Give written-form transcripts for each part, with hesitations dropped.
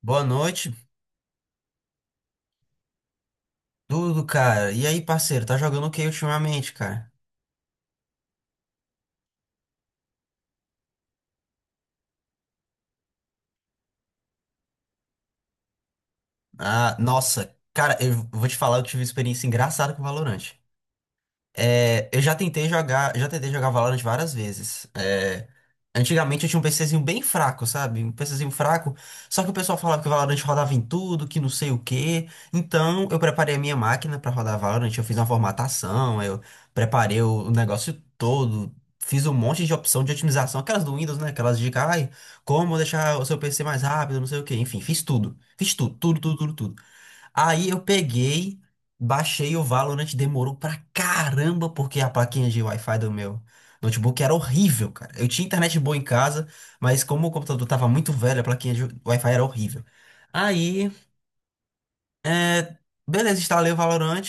Boa noite, tudo, cara. E aí, parceiro, tá jogando o que ultimamente, cara? Ah, nossa, cara, eu vou te falar, eu tive uma experiência engraçada com o Valorant. É, eu já tentei jogar Valorant várias vezes. É, antigamente eu tinha um PCzinho bem fraco, sabe? Um PCzinho fraco. Só que o pessoal falava que o Valorant rodava em tudo, que não sei o quê. Então eu preparei a minha máquina pra rodar Valorant, eu fiz uma formatação, eu preparei o negócio todo, fiz um monte de opção de otimização, aquelas do Windows, né? Aquelas de, ai, como deixar o seu PC mais rápido, não sei o quê. Enfim, fiz tudo. Fiz tudo, tudo, tudo, tudo, tudo. Aí eu peguei, baixei o Valorant, demorou pra caramba, porque a plaquinha de Wi-Fi do meu notebook era horrível, cara. Eu tinha internet boa em casa, mas como o computador tava muito velho, a plaquinha de Wi-Fi era horrível. Aí, é, beleza, instalei o Valorant,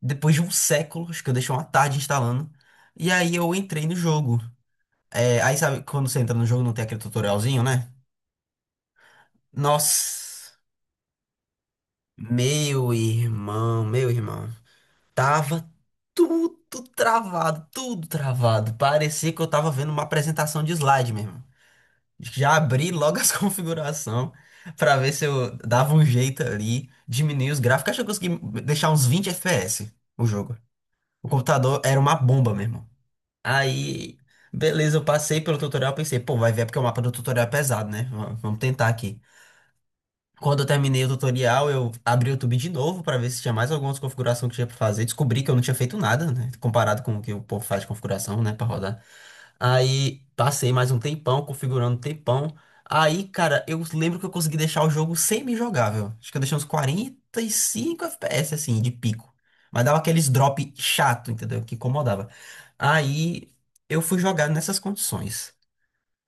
depois de um século, acho que eu deixei uma tarde instalando. E aí eu entrei no jogo. É, aí sabe, quando você entra no jogo não tem aquele tutorialzinho, né? Nossa, meu irmão, meu irmão. Tava tudo travado, tudo travado. Parecia que eu tava vendo uma apresentação de slide mesmo. Já abri logo as configurações pra ver se eu dava um jeito ali, diminuir os gráficos. Acho que eu consegui deixar uns 20 FPS o jogo. O computador era uma bomba mesmo. Aí, beleza, eu passei pelo tutorial, pensei, pô, vai ver porque o mapa do tutorial é pesado, né? Vamos tentar aqui. Quando eu terminei o tutorial, eu abri o YouTube de novo para ver se tinha mais algumas configurações que tinha para fazer. Descobri que eu não tinha feito nada, né? Comparado com o que o povo faz de configuração, né, para rodar. Aí passei mais um tempão configurando um tempão. Aí, cara, eu lembro que eu consegui deixar o jogo semi-jogável. Acho que eu deixei uns 45 FPS assim de pico. Mas dava aqueles drop chato, entendeu? Que incomodava. Aí eu fui jogar nessas condições.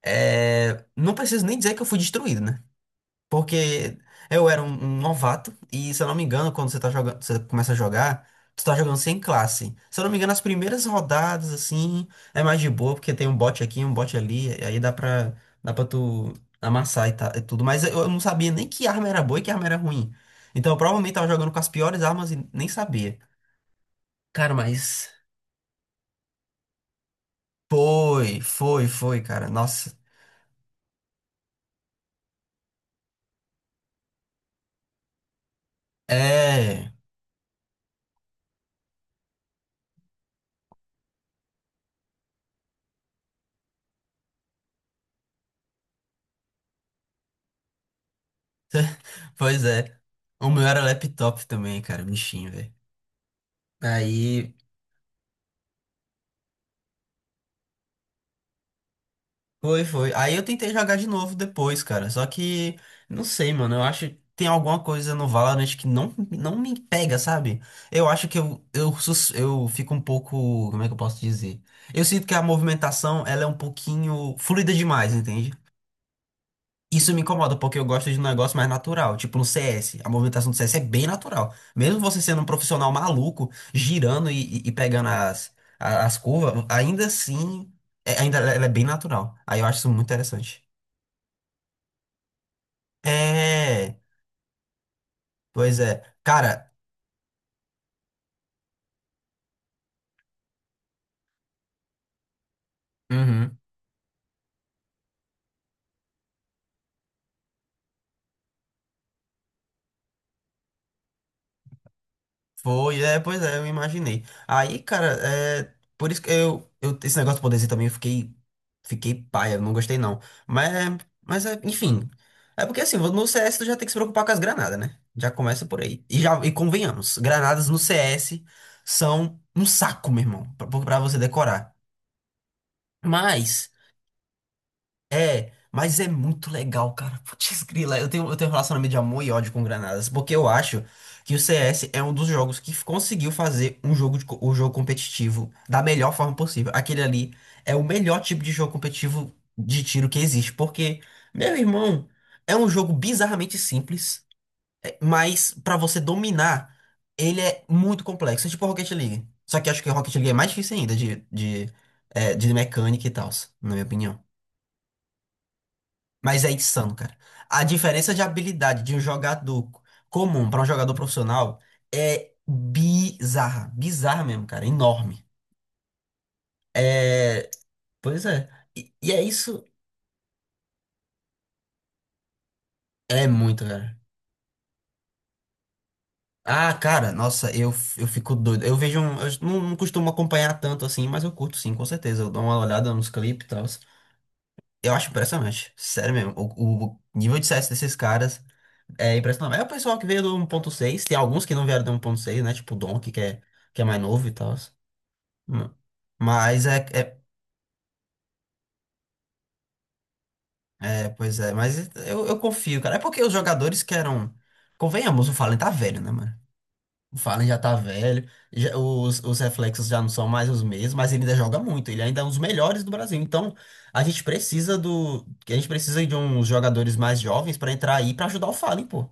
É, não preciso nem dizer que eu fui destruído, né? Porque eu era um novato, e se eu não me engano, quando você tá jogando, você começa a jogar, tu tá jogando sem classe. Se eu não me engano, as primeiras rodadas, assim, é mais de boa, porque tem um bot aqui, um bot ali, e aí dá pra tu amassar e, tá, e tudo. Mas eu não sabia nem que arma era boa e que arma era ruim. Então eu provavelmente tava jogando com as piores armas e nem sabia. Cara, mas foi, foi, foi, cara. Nossa. É. Pois é. O meu era laptop também, cara, bichinho, velho. Aí. Foi, foi. Aí eu tentei jogar de novo depois, cara. Só que, não sei, mano. Eu acho que tem alguma coisa no Valorant que não me pega, sabe? Eu acho que eu fico um pouco. Como é que eu posso dizer? Eu sinto que a movimentação, ela é um pouquinho fluida demais, entende? Isso me incomoda, porque eu gosto de um negócio mais natural. Tipo no CS. A movimentação do CS é bem natural. Mesmo você sendo um profissional maluco, girando e pegando as curvas, ainda assim, ainda ela é bem natural. Aí eu acho isso muito interessante. É, pois é. Cara, uhum, foi, é, pois é, eu imaginei. Aí, cara, é, por isso que esse negócio do poderzinho também eu fiquei paia, não gostei não. Mas, mas é, enfim, é porque assim, no CS tu já tem que se preocupar com as granadas, né? Já começa por aí. E já, e convenhamos, granadas no CS são um saco, meu irmão, pra você decorar. Mas, é, mas é muito legal, cara. Putz, grila, eu tenho um relacionamento de amor e ódio com Granadas, porque eu acho que o CS é um dos jogos que conseguiu fazer um jogo competitivo da melhor forma possível. Aquele ali é o melhor tipo de jogo competitivo de tiro que existe, porque, meu irmão, é um jogo bizarramente simples, é, mas pra você dominar, ele é muito complexo. É tipo Rocket League. Só que acho que Rocket League é mais difícil ainda de mecânica e tal, na minha opinião. Mas é insano, cara. A diferença de habilidade de um jogador comum para um jogador profissional é bizarra. Bizarra mesmo, cara. Enorme. É. Pois é. E é isso. É muito, cara. Ah, cara, nossa, eu fico doido. Eu vejo um. Eu não costumo acompanhar tanto assim, mas eu curto sim, com certeza. Eu dou uma olhada nos clipes e tal. Eu acho impressionante. Sério mesmo. O nível de CS desses caras. É impressionante. É o pessoal que veio do 1.6. Tem alguns que não vieram do 1.6, né? Tipo o Donkey, que é mais novo e tal. Hum. Mas é, pois é. Mas eu confio, cara. É porque os jogadores que eram. Convenhamos, o Fallen tá velho, né, mano? O Fallen já tá velho. Os reflexos já não são mais os mesmos. Mas ele ainda joga muito. Ele ainda é um dos melhores do Brasil. Então a gente precisa do. A gente precisa de uns jogadores mais jovens pra entrar aí pra ajudar o Fallen, pô.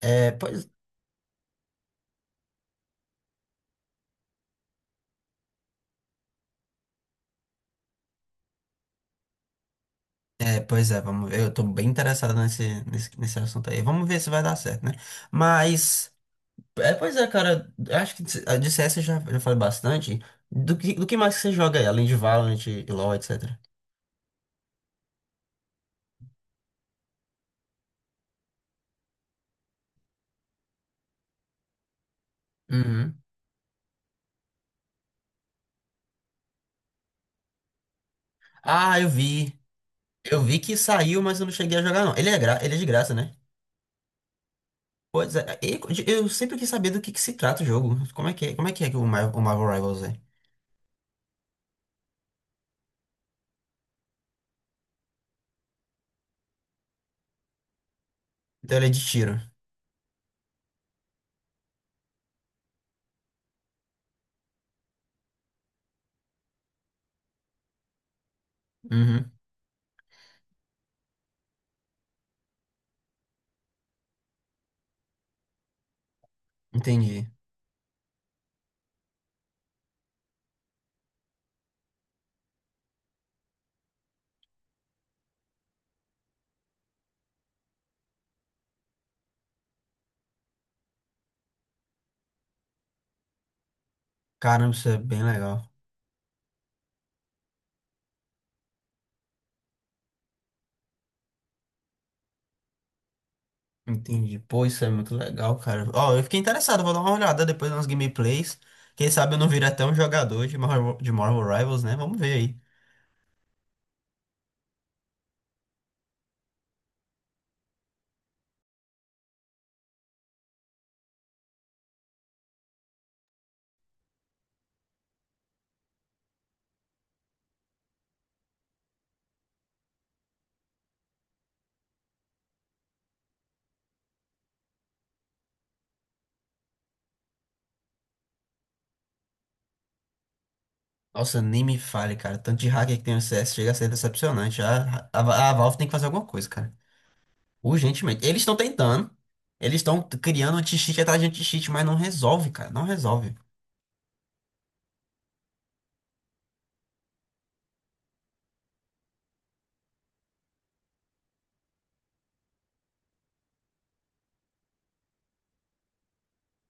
É, pois é, vamos ver. Eu tô bem interessado nesse assunto aí. Vamos ver se vai dar certo, né? Mas, é, pois é, cara. Acho que de CS eu já falei bastante. Do que mais que você joga aí, além de Valorant e LoL, etc. Uhum. Ah, eu vi. Eu vi que saiu, mas eu não cheguei a jogar, não. Ele é, gra... Ele é de graça, né? Pois é. E eu sempre quis saber do que se trata o jogo. Como é que é, como é que o, o Marvel Rivals é? Então ele é de tiro. Uhum. Entendi. Caramba, isso é bem legal. Entendi. Pô, isso é muito legal, cara. Ó, eu fiquei interessado, vou dar uma olhada depois nas gameplays. Quem sabe eu não vire até um jogador de Marvel Rivals, né? Vamos ver aí. Nossa, nem me fale, cara. Tanto de hacker que tem no CS chega a ser decepcionante. A Valve tem que fazer alguma coisa, cara. Urgentemente. Eles estão tentando. Eles estão criando anti-cheat atrás de anti-cheat, mas não resolve, cara. Não resolve.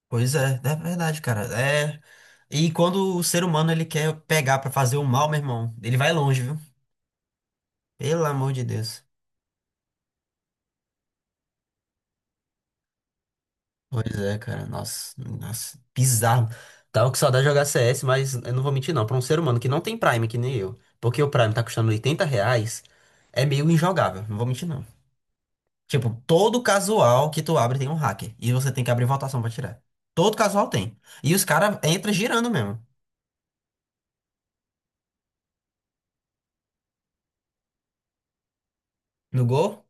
Pois é, é verdade, cara. É. E quando o ser humano ele quer pegar pra fazer o mal, meu irmão, ele vai longe, viu? Pelo amor de Deus. Pois é, cara. Nossa, nossa, bizarro. Tava com saudade de jogar CS, mas eu não vou mentir, não. Pra um ser humano que não tem Prime, que nem eu, porque o Prime tá custando R$ 80, é meio injogável. Não vou mentir, não. Tipo, todo casual que tu abre tem um hacker. E você tem que abrir votação pra tirar. Todo casual tem. E os caras entram girando mesmo. No gol?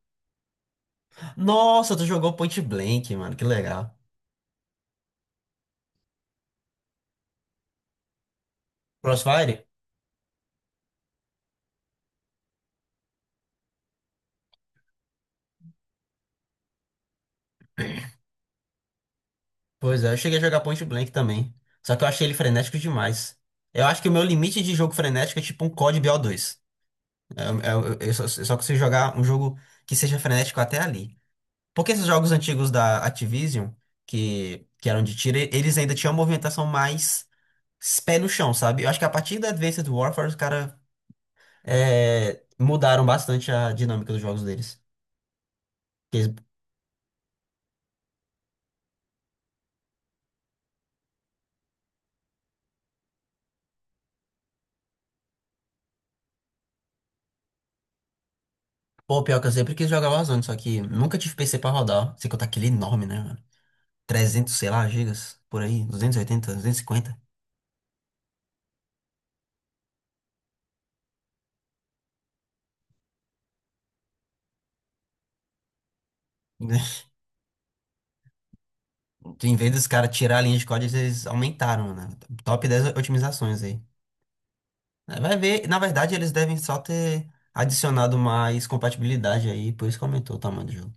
Nossa, tu jogou Point Blank, mano. Que legal. Crossfire? Pois é, eu cheguei a jogar Point Blank também. Só que eu achei ele frenético demais. Eu acho que o meu limite de jogo frenético é tipo um COD BO 2. É, é só que você jogar um jogo que seja frenético até ali. Porque esses jogos antigos da Activision, que eram de tiro, eles ainda tinham uma movimentação mais pé no chão, sabe? Eu acho que a partir da Advanced Warfare, os caras mudaram bastante a dinâmica dos jogos deles. Porque eles- Pô, pior que eu sempre quis jogar Warzone, só que nunca tive PC pra rodar. Sei que eu tá aquele enorme, né, mano? 300, sei lá, gigas, por aí, duzentos duzentos e oitenta duzentos e cinquenta. Em vez dos caras tirar a linha de código, eles aumentaram, né? Top 10 otimizações aí. É, vai ver, na verdade eles devem só ter adicionado mais compatibilidade aí, por isso que aumentou o tamanho do jogo.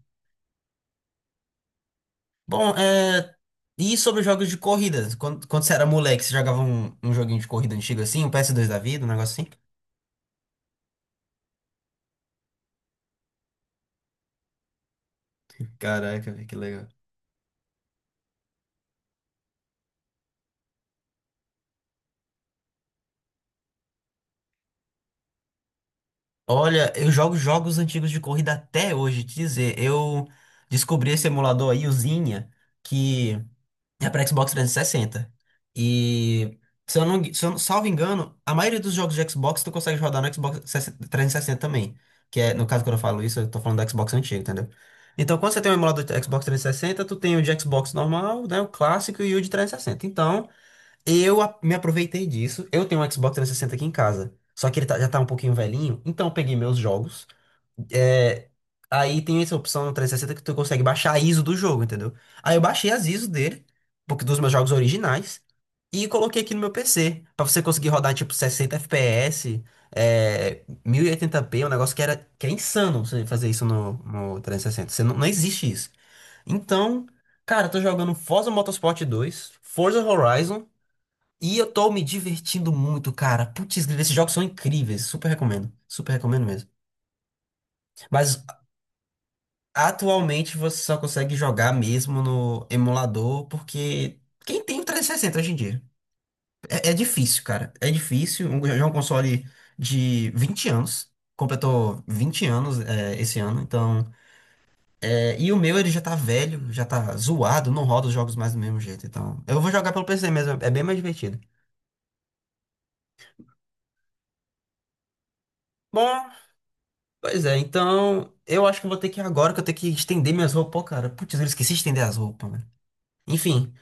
Bom, e sobre jogos de corrida? Quando você era moleque, você jogava um joguinho de corrida antigo assim, um PS2 da vida, um negócio assim? Caraca, velho, que legal. Olha, eu jogo jogos antigos de corrida até hoje, te dizer. Eu descobri esse emulador aí, o Zinha, que é para Xbox 360. E sessenta. E se eu não, se eu, salvo engano, a maioria dos jogos de Xbox tu consegue rodar no Xbox 360 também. Que é, no caso, quando eu falo isso, eu tô falando do Xbox antigo, entendeu? Então, quando você tem um emulador de Xbox 360, tu tem o de Xbox normal, né, o clássico e o de 360. Então, me aproveitei disso. Eu tenho um Xbox 360 aqui em casa. Só que já tá um pouquinho velhinho, então eu peguei meus jogos. É, aí tem essa opção no 360 que tu consegue baixar a ISO do jogo, entendeu? Aí eu baixei as ISO dele, porque dos meus jogos originais, e coloquei aqui no meu PC, pra você conseguir rodar tipo 60 FPS, é, 1080p um negócio que era que é insano você fazer isso no 360. Você não existe isso. Então, cara, eu tô jogando Forza Motorsport 2, Forza Horizon, e eu tô me divertindo muito, cara. Putz, grila, esses jogos são incríveis, super recomendo mesmo. Mas atualmente você só consegue jogar mesmo no emulador, porque quem tem o 360 hoje em dia? É, é difícil, cara. É difícil. Um, já é um console de 20 anos. Completou 20 anos é, esse ano, então. É, e o meu ele já tá velho, já tá zoado, não roda os jogos mais do mesmo jeito. Então, eu vou jogar pelo PC mesmo, é bem mais divertido. Bom, pois é, então eu acho que eu vou ter que ir agora que eu tenho que estender minhas roupas. Pô, cara, putz, eu esqueci de estender as roupas, mano. Enfim,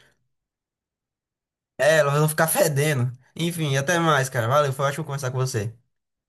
é, elas vão ficar fedendo. Enfim, até mais, cara. Valeu, foi ótimo conversar com você.